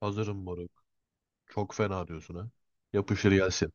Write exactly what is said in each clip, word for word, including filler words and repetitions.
Hazırım moruk. Çok fena diyorsun ha. Yapışır gelsin.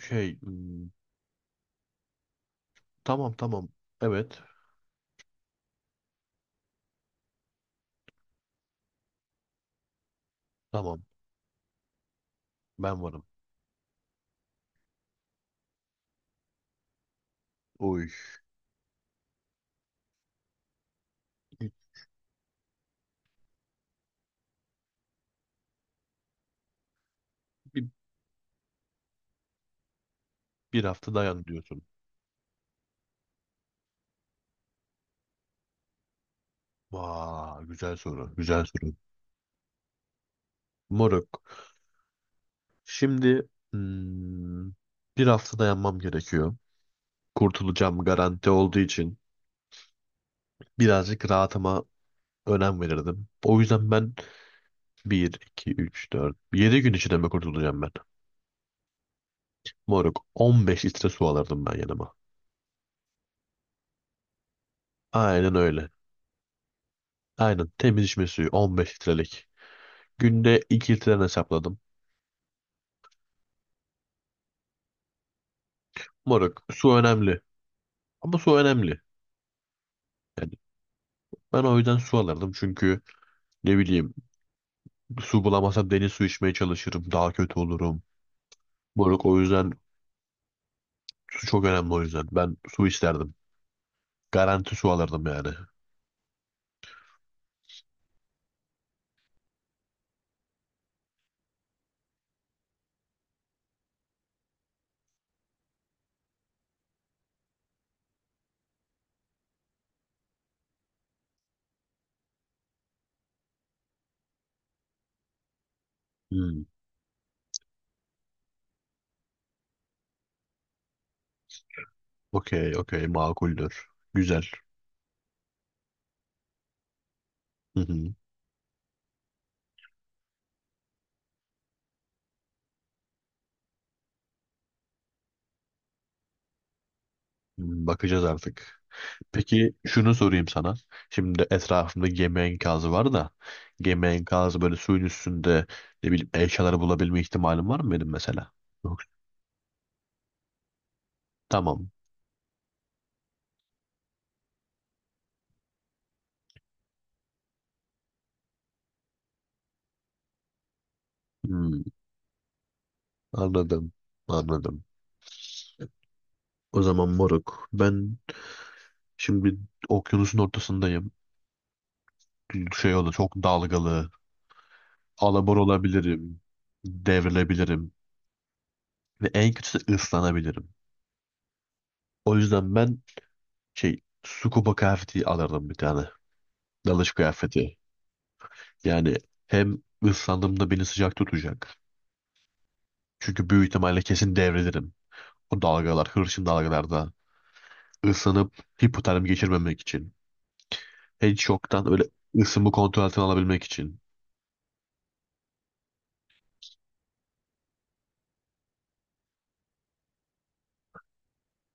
Şey, hmm, tamam tamam. Evet, tamam. Ben varım. Uy. Bir, bir, bir hafta dayan diyorsun. Vay, güzel soru. Güzel soru. Moruk. Şimdi hmm, bir hafta dayanmam gerekiyor. Kurtulacağım garanti olduğu için birazcık rahatıma önem verirdim. O yüzden ben bir iki üç dört yedi gün içinde mi kurtulacağım ben? Moruk, on beş litre su alırdım ben yanıma. Aynen öyle. Aynen temiz içme suyu on beş litrelik. Günde iki litreden hesapladım. Moruk, su önemli. Ama su önemli. Yani ben o yüzden su alırdım çünkü ne bileyim su bulamazsam deniz suyu içmeye çalışırım. Daha kötü olurum. Moruk o yüzden su çok önemli o yüzden. Ben su isterdim. Garanti su alırdım yani. Hmm, okey okey makuldür. Güzel. Hı hı. Hmm, bakacağız artık. Peki şunu sorayım sana. Şimdi etrafımda gemi enkazı var da gemi enkazı böyle suyun üstünde ne bileyim eşyaları bulabilme ihtimalim var mı benim mesela? Yok. Tamam. Hmm, anladım. Anladım. O zaman moruk ben şimdi okyanusun ortasındayım. Şey olur çok dalgalı. Alabor olabilirim. Devrilebilirim. Ve en kötüsü ıslanabilirim. O yüzden ben şey scuba kıyafeti alırdım bir tane. Dalış kıyafeti. Yani hem ıslandığımda beni sıcak tutacak. Çünkü büyük ihtimalle kesin devrilirim. O dalgalar, hırçın dalgalarda ısınıp hipotermi geçirmemek için. Heat shock'tan öyle ısımı kontrol altına alabilmek için.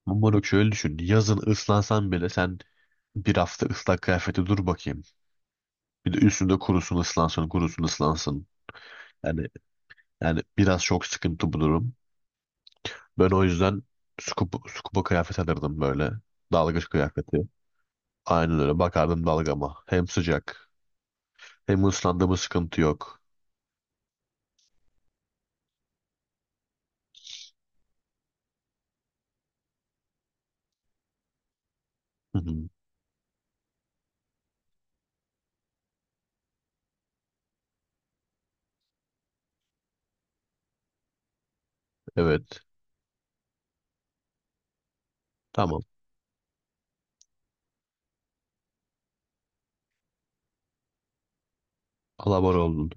Ama bak şöyle düşün. Yazın ıslansan bile sen bir hafta ıslak kıyafeti dur bakayım. Bir de üstünde kurusun ıslansın, kurusun ıslansın. Yani yani biraz çok sıkıntı bu durum. Ben o yüzden scuba, scuba kıyafet alırdım böyle. Dalgıç kıyafeti. Aynen öyle bakardım dalgama. Hem sıcak. Hem ıslandı sıkıntı yok. Hı hı, evet. Tamam. Alabora oldun.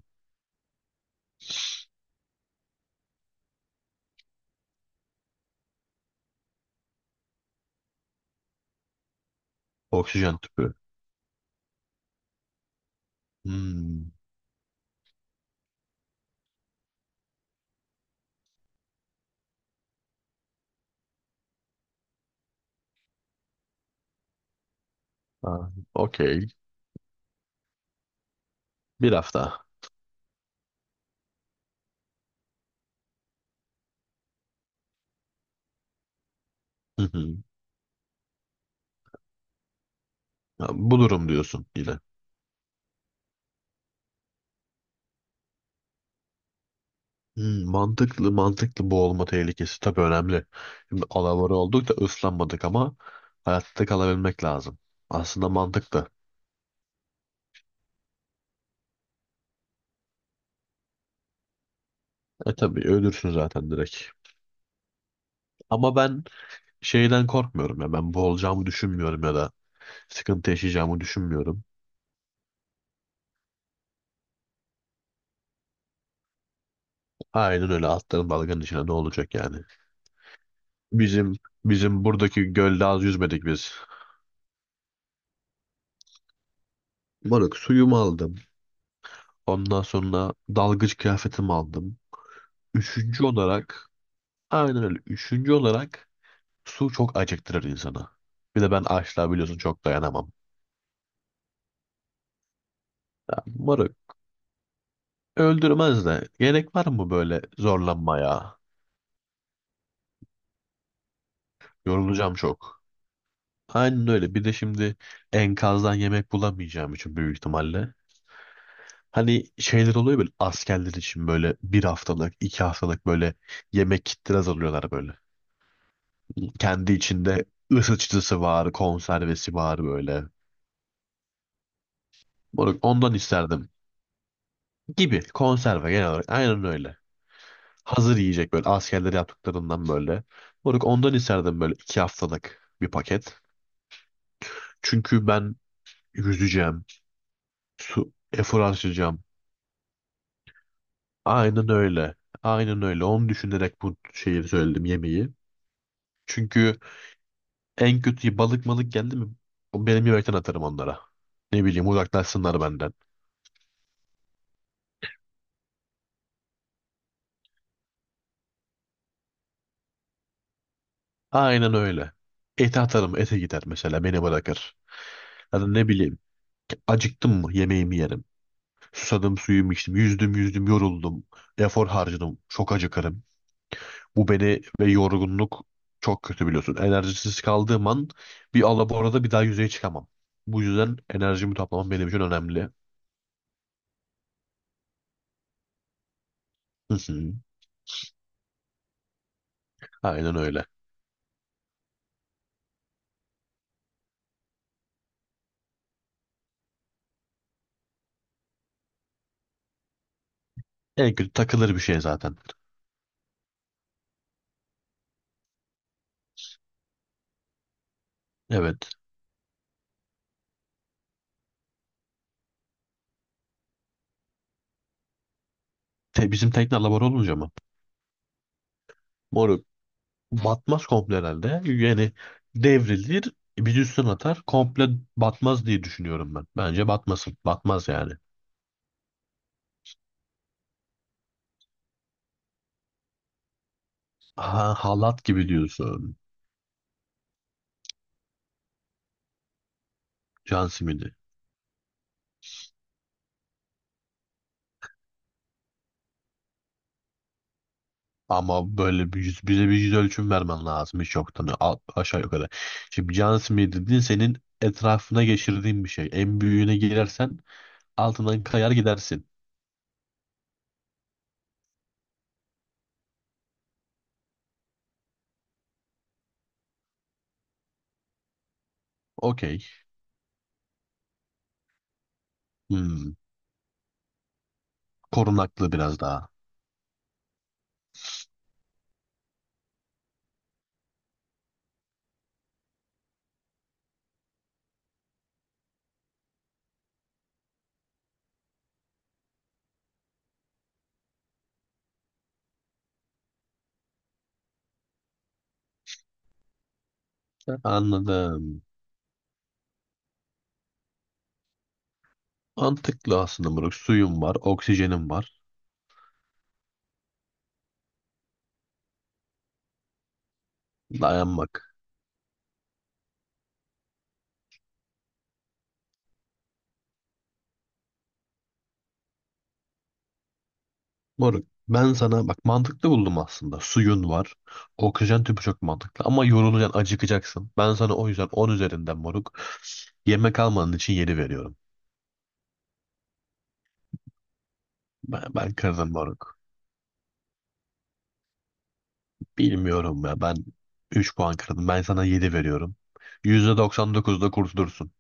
Oksijen tüpü. Hmm. Ha, okey. Bir hafta. Hı hı. Ha, bulurum diyorsun yine. Hmm, mantıklı mantıklı boğulma tehlikesi tabii önemli. Şimdi alabora olduk da ıslanmadık ama hayatta kalabilmek lazım. Aslında mantıklı. E tabii ölürsün zaten direkt. Ama ben şeyden korkmuyorum ya ben boğulacağımı düşünmüyorum ya da sıkıntı yaşayacağımı düşünmüyorum. Aynen öyle atların dalganın içine ne olacak yani. Bizim bizim buradaki gölde az yüzmedik biz. Moruk suyumu aldım. Ondan sonra dalgıç kıyafetimi aldım. Üçüncü olarak aynen öyle. Üçüncü olarak su çok acıktırır insanı. Bir de ben açlığa biliyorsun çok dayanamam. Ya, moruk, öldürmez de gerek var mı böyle zorlanmaya? Yorulacağım çok. Aynen öyle. Bir de şimdi enkazdan yemek bulamayacağım için büyük ihtimalle. Hani şeyler oluyor böyle askerler için böyle bir haftalık, iki haftalık böyle yemek kitleri hazırlıyorlar böyle. Kendi içinde ısıtıcısı var, konservesi var böyle. Bunu- ondan isterdim. Gibi konserve genel olarak aynen öyle. Hazır yiyecek böyle askerler yaptıklarından böyle. Moruk ondan isterdim böyle iki haftalık bir paket. Çünkü ben yüzeceğim, su, efor harcayacağım. Aynen öyle. Aynen öyle. Onu düşünerek bu şeyi söyledim yemeği. Çünkü en kötü balık malık geldi mi? O benim yemekten atarım onlara. Ne bileyim uzaklaşsınlar benden. Aynen öyle. Ete atarım. Ete gider mesela. Beni bırakır. Ya da ne bileyim. Acıktım mı yemeğimi yerim. Susadım suyumu içtim. Yüzdüm yüzdüm yoruldum. Efor harcadım. Çok acıkarım. Bu beni ve yorgunluk çok kötü biliyorsun. Enerjisiz kaldığım an bir alaborada bir daha yüzeye çıkamam. Bu yüzden enerjimi toplamam benim için önemli. Hı hı. Aynen öyle. En kötü takılır bir şey zaten. Evet. Te, bizim tekne alabora olunca mı? Moruk batmaz komple herhalde. Yani devrilir bir üstüne atar. Komple batmaz diye düşünüyorum ben. Bence batmasın. Batmaz yani. Ha, halat gibi diyorsun. Can simidi. Ama böyle bir yüz, bize bir yüz ölçüm vermen lazım hiç yoktan a- aşağı yukarı. Şimdi can simidi dediğin senin etrafına geçirdiğin bir şey. En büyüğüne girersen altından kayar gidersin. Okey. Hmm, korunaklı biraz daha. Anladım. Mantıklı aslında moruk. Suyun var, oksijenin var. Dayanmak. Moruk ben sana bak mantıklı buldum aslında. Suyun var. Oksijen tüpü çok mantıklı ama yorulacaksın, acıkacaksın. Ben sana o yüzden on üzerinden moruk. Yemek almanın için yedi veriyorum. Ben, ben kırdım moruk. Bilmiyorum ya ben üç puan kırdım. Ben sana yedi veriyorum. yüzde doksan dokuzda kurtulursun.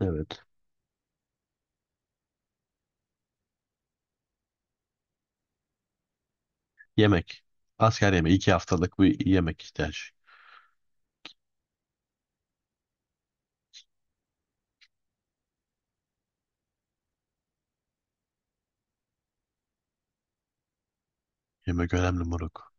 Evet. Yemek. Asker yemeği iki haftalık bir yemek ihtiyaç. Yemek önemli moruk.